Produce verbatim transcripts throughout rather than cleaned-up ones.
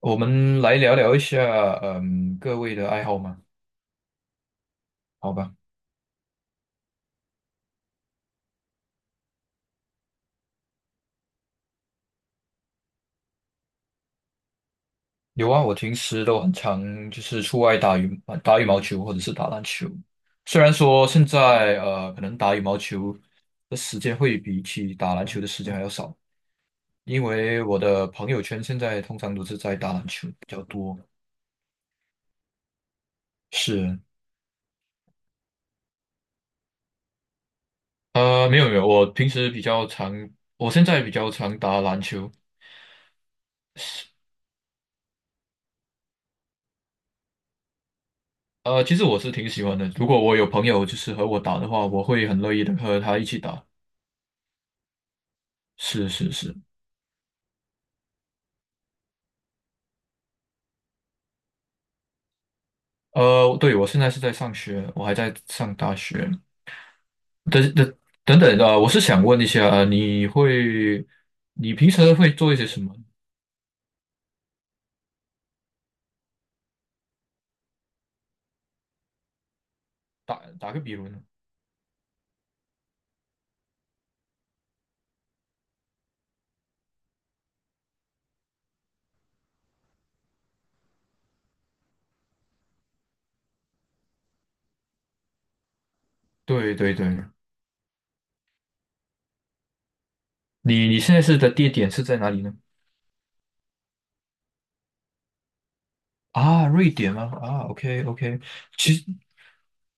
我们来聊聊一下，嗯，各位的爱好吗？好吧。有啊，我平时都很常就是出外打羽呃打羽毛球或者是打篮球。虽然说现在呃，可能打羽毛球的时间会比起打篮球的时间还要少，因为我的朋友圈现在通常都是在打篮球比较多。是。呃，没有没有，我平时比较常，我现在比较常打篮球。呃，其实我是挺喜欢的。如果我有朋友就是和我打的话，我会很乐意的和他一起打。是是是。呃，对，我现在是在上学，我还在上大学。等等等等，呃，我是想问一下，呃你会，你平时会做一些什么？打打个比如呢？对对对。你你现在是的地点是在哪里呢？啊，瑞典吗？啊，OK OK。其实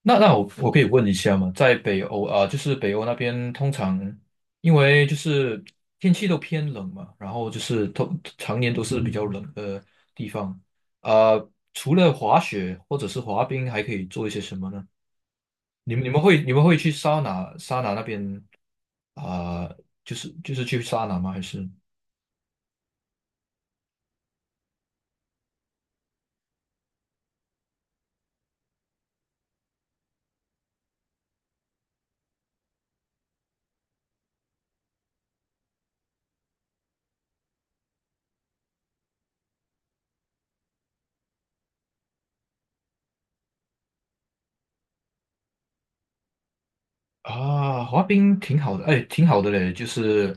那那我我可以问一下吗？在北欧啊，就是北欧那边，通常因为就是天气都偏冷嘛，然后就是通常年都是比较冷的地方啊。除了滑雪或者是滑冰，还可以做一些什么呢？你们你们会你们会去桑拿桑拿那边啊，就是就是去桑拿吗？还是？啊，滑冰挺好的，哎，挺好的嘞。就是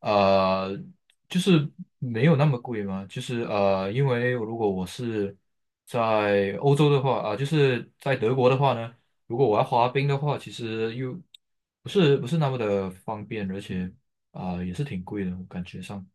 呃，就是没有那么贵嘛。就是呃，因为如果我是在欧洲的话啊，就是在德国的话呢，如果我要滑冰的话，其实又不是不是那么的方便，而且啊，也是挺贵的，我感觉上。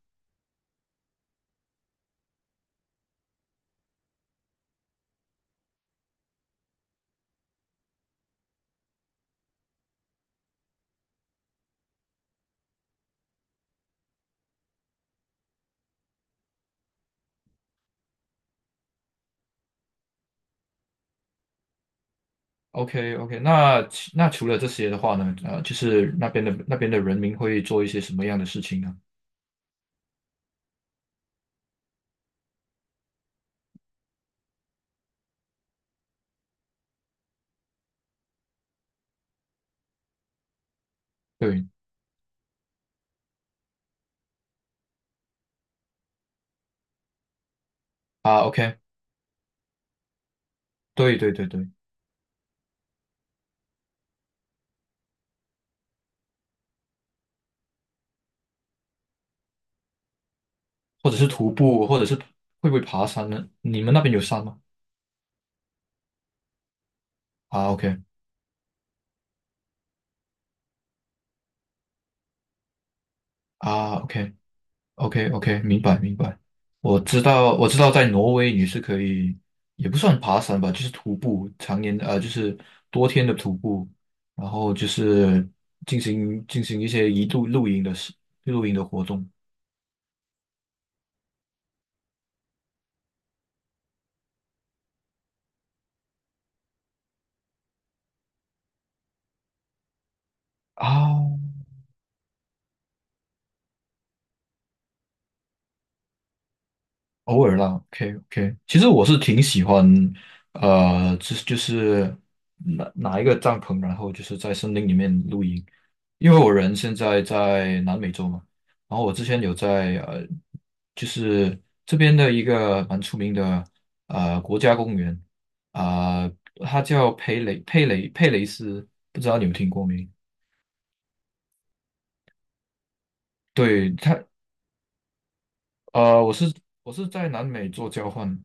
OK OK。那其那除了这些的话呢，呃，就是那边的那边的人民会做一些什么样的事情呢？对啊，OK，对对对对。或者是徒步，或者是会不会爬山呢？你们那边有山吗？啊，OK，啊，OK，OK，OK，明白明白。我知道，我知道，在挪威你是可以，也不算爬山吧，就是徒步，常年呃，就是多天的徒步，然后就是进行进行一些一度露营的事，露营的活动啊。偶尔啦，OK OK。其实我是挺喜欢，呃，就是就是拿拿一个帐篷，然后就是在森林里面露营，因为我人现在在南美洲嘛，然后我之前有在呃，就是这边的一个蛮出名的呃国家公园，啊、它叫佩雷佩雷佩雷斯，不知道你们听过没？对它。呃，我是我是在南美做交换。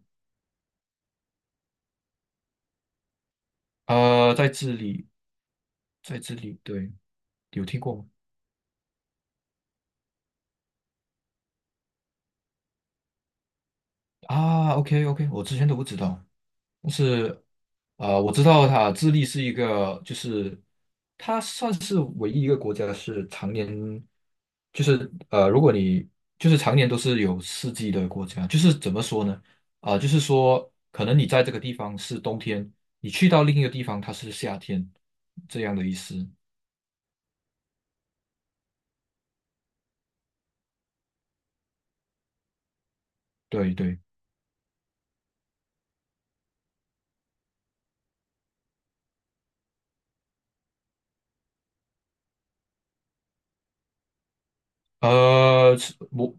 呃，在智利。在智利，对。有听过吗？啊，OK OK，我之前都不知道。但是呃，我知道它智利是一个，就是它算是唯一一个国家是常年，就是呃，如果你就是常年都是有四季的国家，就是怎么说呢？啊、就是说可能你在这个地方是冬天，你去到另一个地方它是夏天，这样的意思。对对。呃，是我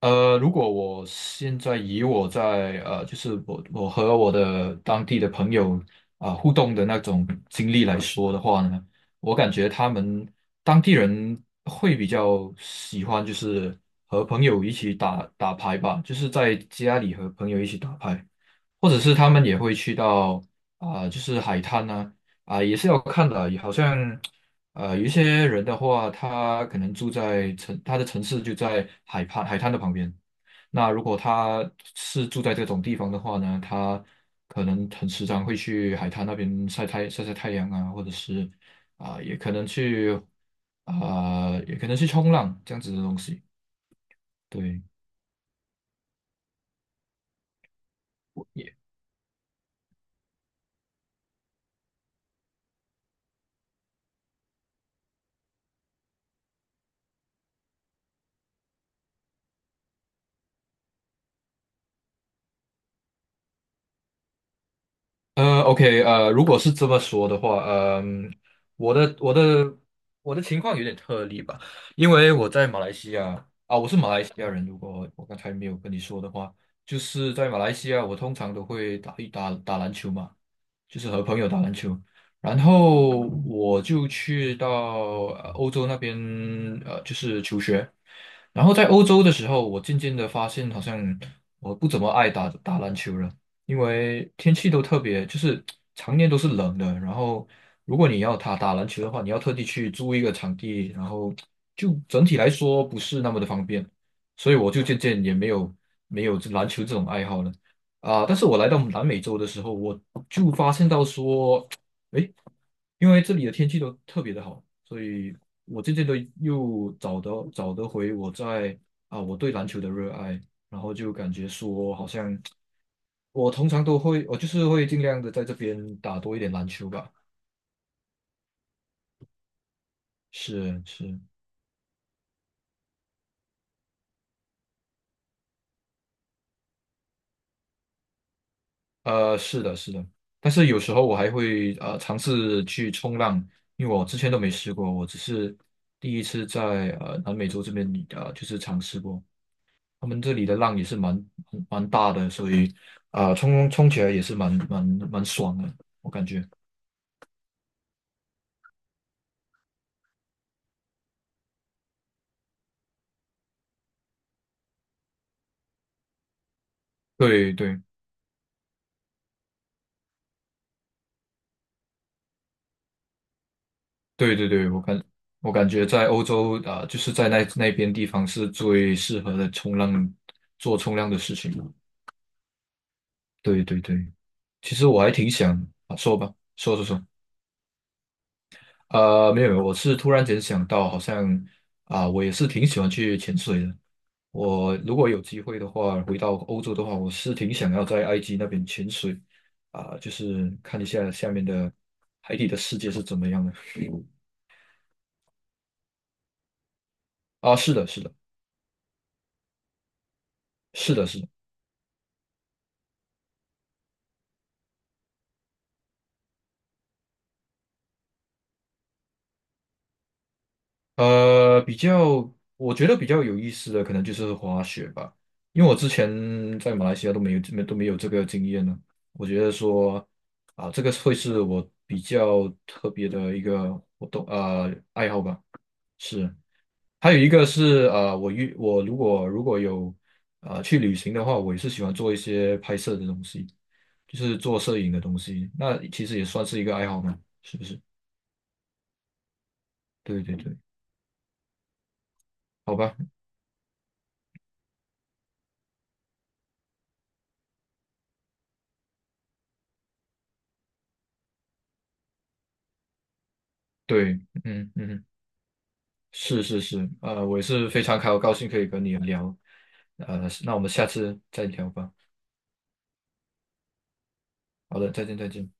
呃，如果我现在以我在呃，就是我我和我的当地的朋友啊、互动的那种经历来说的话呢，我感觉他们当地人会比较喜欢就是和朋友一起打打牌吧，就是在家里和朋友一起打牌，或者是他们也会去到啊、就是海滩呢啊、也是要看的，好像。呃，有一些人的话，他可能住在城，他的城市就在海畔海滩的旁边。那如果他是住在这种地方的话呢，他可能很时常会去海滩那边晒太晒晒太阳啊，或者是啊、也可能去啊、也可能去冲浪这样子的东西。对。呃，OK。呃，如果是这么说的话，嗯、我的我的我的情况有点特例吧，因为我在马来西亚啊，我是马来西亚人。如果我刚才没有跟你说的话，就是在马来西亚，我通常都会打一打打篮球嘛。就是和朋友打篮球。然后我就去到呃欧洲那边，呃，就是求学。然后在欧洲的时候，我渐渐的发现，好像我不怎么爱打打篮球了，因为天气都特别，就是常年都是冷的。然后，如果你要打打篮球的话，你要特地去租一个场地，然后就整体来说不是那么的方便，所以我就渐渐也没有没有这篮球这种爱好了。啊，但是我来到南美洲的时候，我就发现到说，诶，因为这里的天气都特别的好，所以我渐渐的又找得找得回我在啊我对篮球的热爱，然后就感觉说，好像我通常都会，我就是会尽量的在这边打多一点篮球吧。是是。呃，是的，是的。但是有时候我还会呃尝试去冲浪，因为我之前都没试过，我只是第一次在呃南美洲这边呃就是尝试过，他们这里的浪也是蛮蛮蛮大的，所以啊、冲冲起来也是蛮蛮蛮爽的，我感觉。对对对对对。我感我感觉在欧洲啊、呃就是在那那边地方是最适合的冲浪做冲浪的事情。对对对，其实我还挺想啊，说吧，说说说。呃，没有没有，我是突然间想到，好像啊、我也是挺喜欢去潜水的。我如果有机会的话，回到欧洲的话，我是挺想要在埃及那边潜水啊、就是看一下下面的海底的世界是怎么样的。啊，是的，是的，是的，是的。呃，比较，我觉得比较有意思的可能就是滑雪吧，因为我之前在马来西亚都没有没都没有这个经验呢。我觉得说啊，这个会是我比较特别的一个活动呃爱好吧。是。还有一个是呃，我遇我如果如果有呃去旅行的话，我也是喜欢做一些拍摄的东西，就是做摄影的东西，那其实也算是一个爱好嘛，是不是？对对对。好吧。对。嗯嗯哼。是是是。呃，我也是非常开，我高兴可以跟你聊。呃，那我们下次再聊吧。好的，再见再见。